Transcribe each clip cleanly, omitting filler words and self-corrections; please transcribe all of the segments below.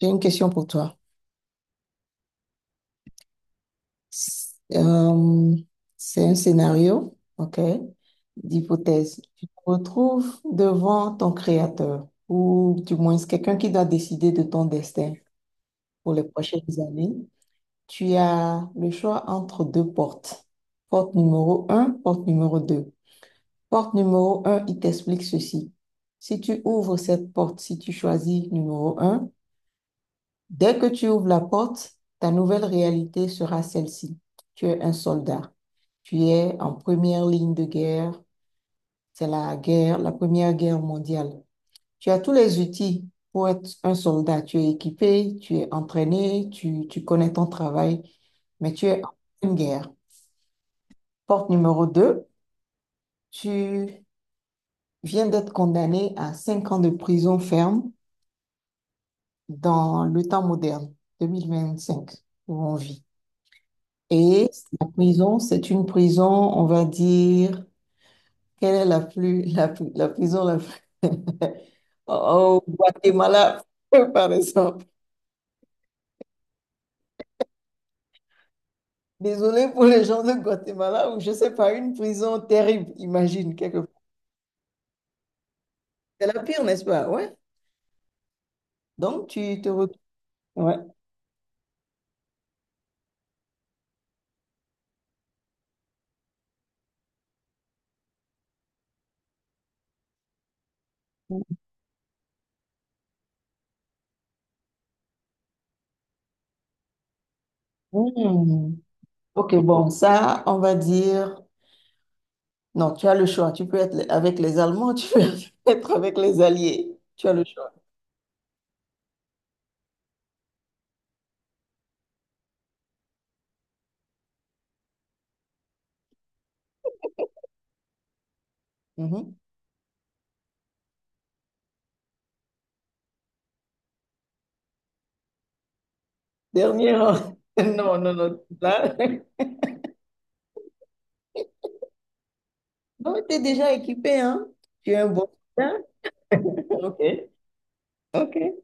J'ai une question pour toi. Euh, c'est un scénario, ok, d'hypothèse. Tu te retrouves devant ton créateur, ou du moins c'est quelqu'un qui doit décider de ton destin pour les prochaines années. Tu as le choix entre deux portes. Porte numéro un, porte numéro 2. Porte numéro un, il t'explique ceci. Si tu ouvres cette porte, si tu choisis numéro un. Dès que tu ouvres la porte, ta nouvelle réalité sera celle-ci. Tu es un soldat. Tu es en première ligne de guerre. C'est la guerre, la première guerre mondiale. Tu as tous les outils pour être un soldat. Tu es équipé, tu es entraîné, tu connais ton travail, mais tu es en pleine guerre. Porte numéro 2. Tu viens d'être condamné à 5 ans de prison ferme dans le temps moderne, 2025, où on vit. Et la prison, c'est une prison, on va dire, quelle est la plus, la, plus- la prison la plus... au Guatemala, par exemple. Désolée pour les gens de Guatemala, ou je sais pas, une prison terrible, imagine, quelque part. C'est la pire, n'est-ce pas? Ouais. Donc, tu te retrouves... Ouais. Hmm. Ok, bon, ça, on va dire... Non, tu as le choix. Tu peux être avec les Allemands, tu peux être avec les Alliés. Tu as le choix. Mhm. Dernier rang. Non, non, non. Là, non, tu es déjà équipé, hein? Tu es un bon soutien. Ok, ok.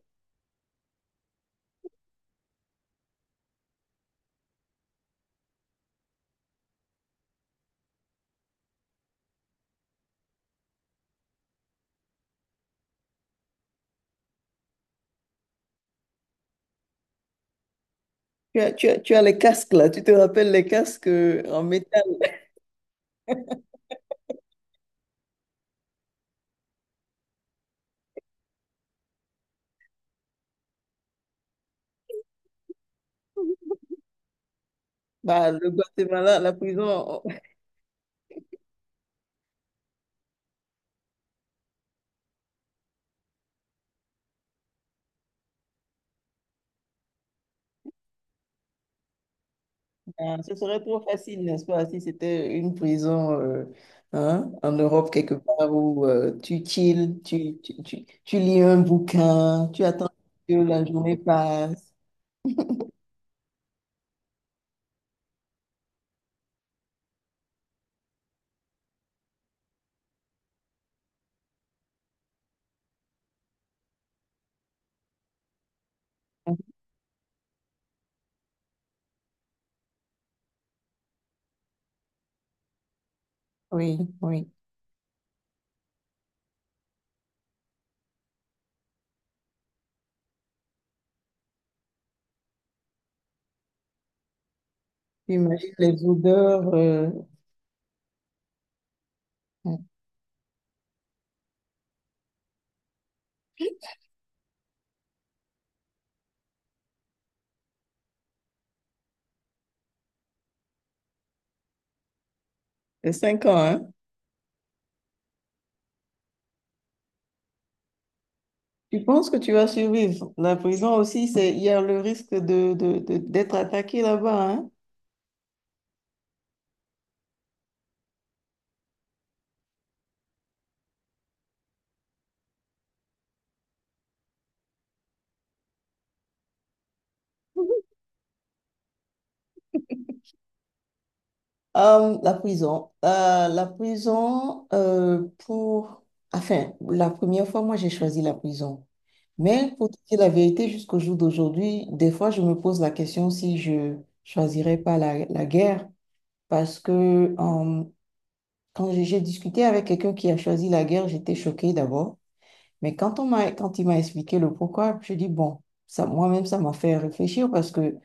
Tu as les casques, là. Tu te rappelles les casques en métal. Bah, le Guatemala, la prison, ah, ce serait trop facile, n'est-ce pas, si c'était une prison hein, en Europe quelque part où tu chill, tu lis un bouquin, tu attends que la journée passe. Oui, oui. Tu imagines les odeurs. euh, C'est 5 ans, hein? Tu penses que tu vas survivre? La prison aussi, c'est, il y a le risque de, d'être attaqué là-bas, hein? La prison. La prison pour... Enfin, la première fois, moi, j'ai choisi la prison. Mais pour te dire la vérité, jusqu'au jour d'aujourd'hui, des fois, je me pose la question si je choisirais pas la, la guerre. Parce que euh, quand j'ai discuté avec quelqu'un qui a choisi la guerre, j'étais choquée d'abord. Mais quand on m'a, quand il m'a expliqué le pourquoi, je dis, bon, ça, moi-même, ça m'a fait réfléchir parce que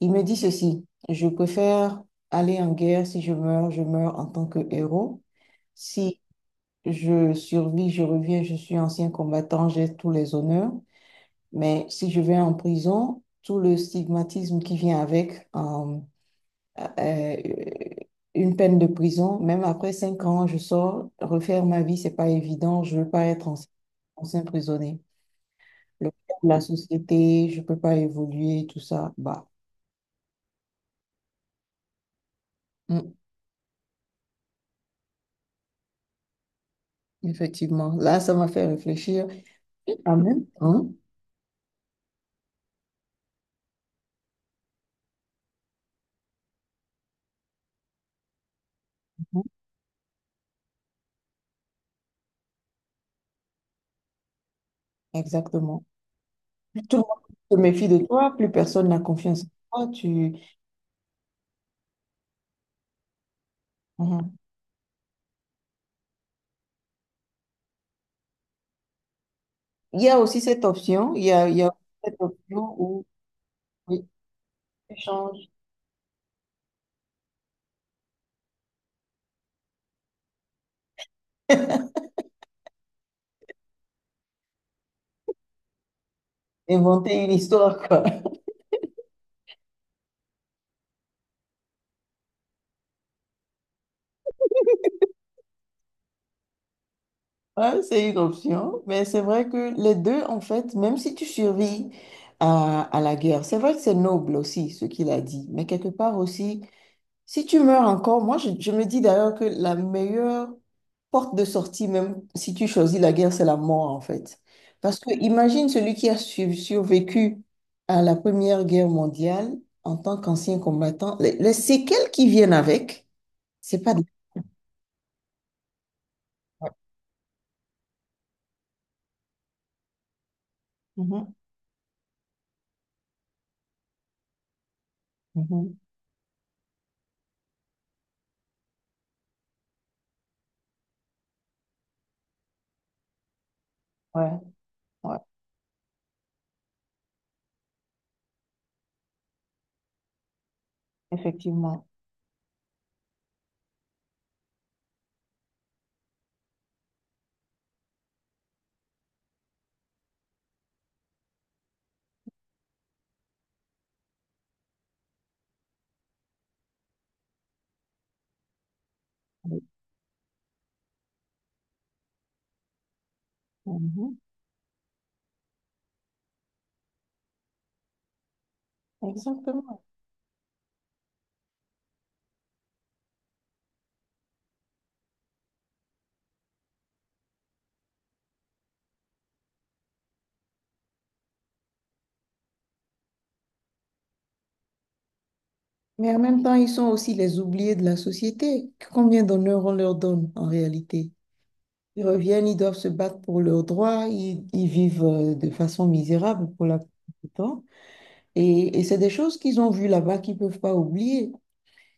il me dit ceci, je préfère aller en guerre si je meurs, je meurs en tant que héros. Si je survis, je reviens, je suis ancien combattant, j'ai tous les honneurs. Mais si je vais en prison, tout le stigmatisme qui vient avec euh, une peine de prison, même après 5 ans, je sors, refaire ma vie, c'est pas évident, je veux pas être ancien prisonnier, le poids de la société, je ne peux pas évoluer, tout ça. Bah, mm, effectivement, là, ça m'a fait réfléchir. En même temps, mhm, exactement. Plus tout le monde se méfie de toi, plus personne n'a confiance en toi. Tu... mhm. Il y a aussi cette option, il y a cette option où oui, tu changes, inventer une histoire, quoi. Ouais, c'est une option, mais c'est vrai que les deux, en fait, même si tu survis à la guerre, c'est vrai que c'est noble aussi ce qu'il a dit, mais quelque part aussi, si tu meurs encore, je me dis d'ailleurs que la meilleure porte de sortie, même si tu choisis la guerre, c'est la mort en fait. Parce que imagine celui qui a survécu à la Première Guerre mondiale en tant qu'ancien combattant, les séquelles qui viennent avec, c'est pas... des- Mhm, mhm. Ouais, ouais, effectivement. Mhm, exactement. Mais en même temps, ils sont aussi les oubliés de la société. Combien d'honneur on leur donne en réalité? Ils reviennent, ils doivent se battre pour leurs droits, ils vivent de façon misérable pour la plupart du temps. Et c'est des choses qu'ils ont vues là-bas qu'ils ne peuvent pas oublier.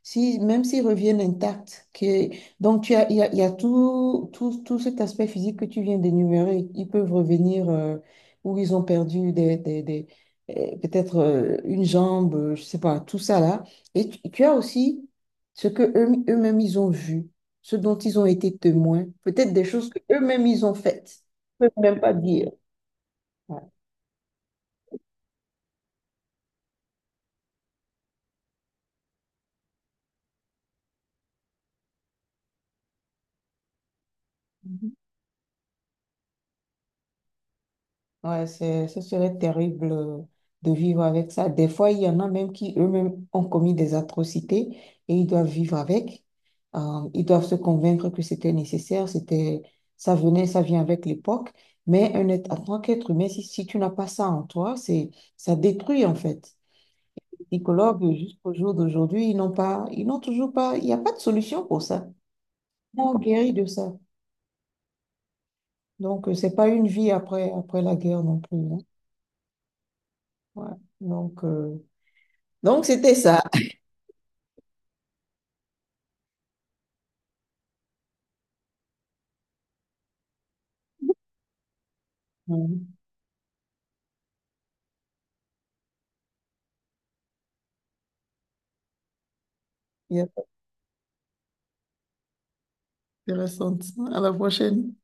Si, même s'ils reviennent intacts, que, donc tu as, il y a tout, tout, tout cet aspect physique que tu viens d'énumérer. Ils peuvent revenir où ils ont perdu des, peut-être une jambe, je sais pas, tout ça là. Et tu as aussi ce que eux, eux-mêmes ils ont vu, ce dont ils ont été témoins, peut-être des choses que eux-mêmes ils ont faites. Ils peuvent même pas dire. Ouais. Mhm. Ouais, c'est, ce serait terrible de vivre avec ça. Des fois, il y en a même qui eux-mêmes ont commis des atrocités et ils doivent vivre avec. Ils doivent se convaincre que c'était nécessaire, c'était, ça venait, ça vient avec l'époque. Mais un être, en tant qu'être humain, si, si tu n'as pas ça en toi, c'est, ça détruit en fait. Les psychologues, jusqu'au jour d'aujourd'hui, ils n'ont pas, ils n'ont toujours pas, il n'y a pas de solution pour ça. On guérit de ça. Donc, c'est pas une vie après, après la guerre non plus, hein. Ouais. Donc, donc, c'était ça. Mhm. Il y a intéressant. À la prochaine.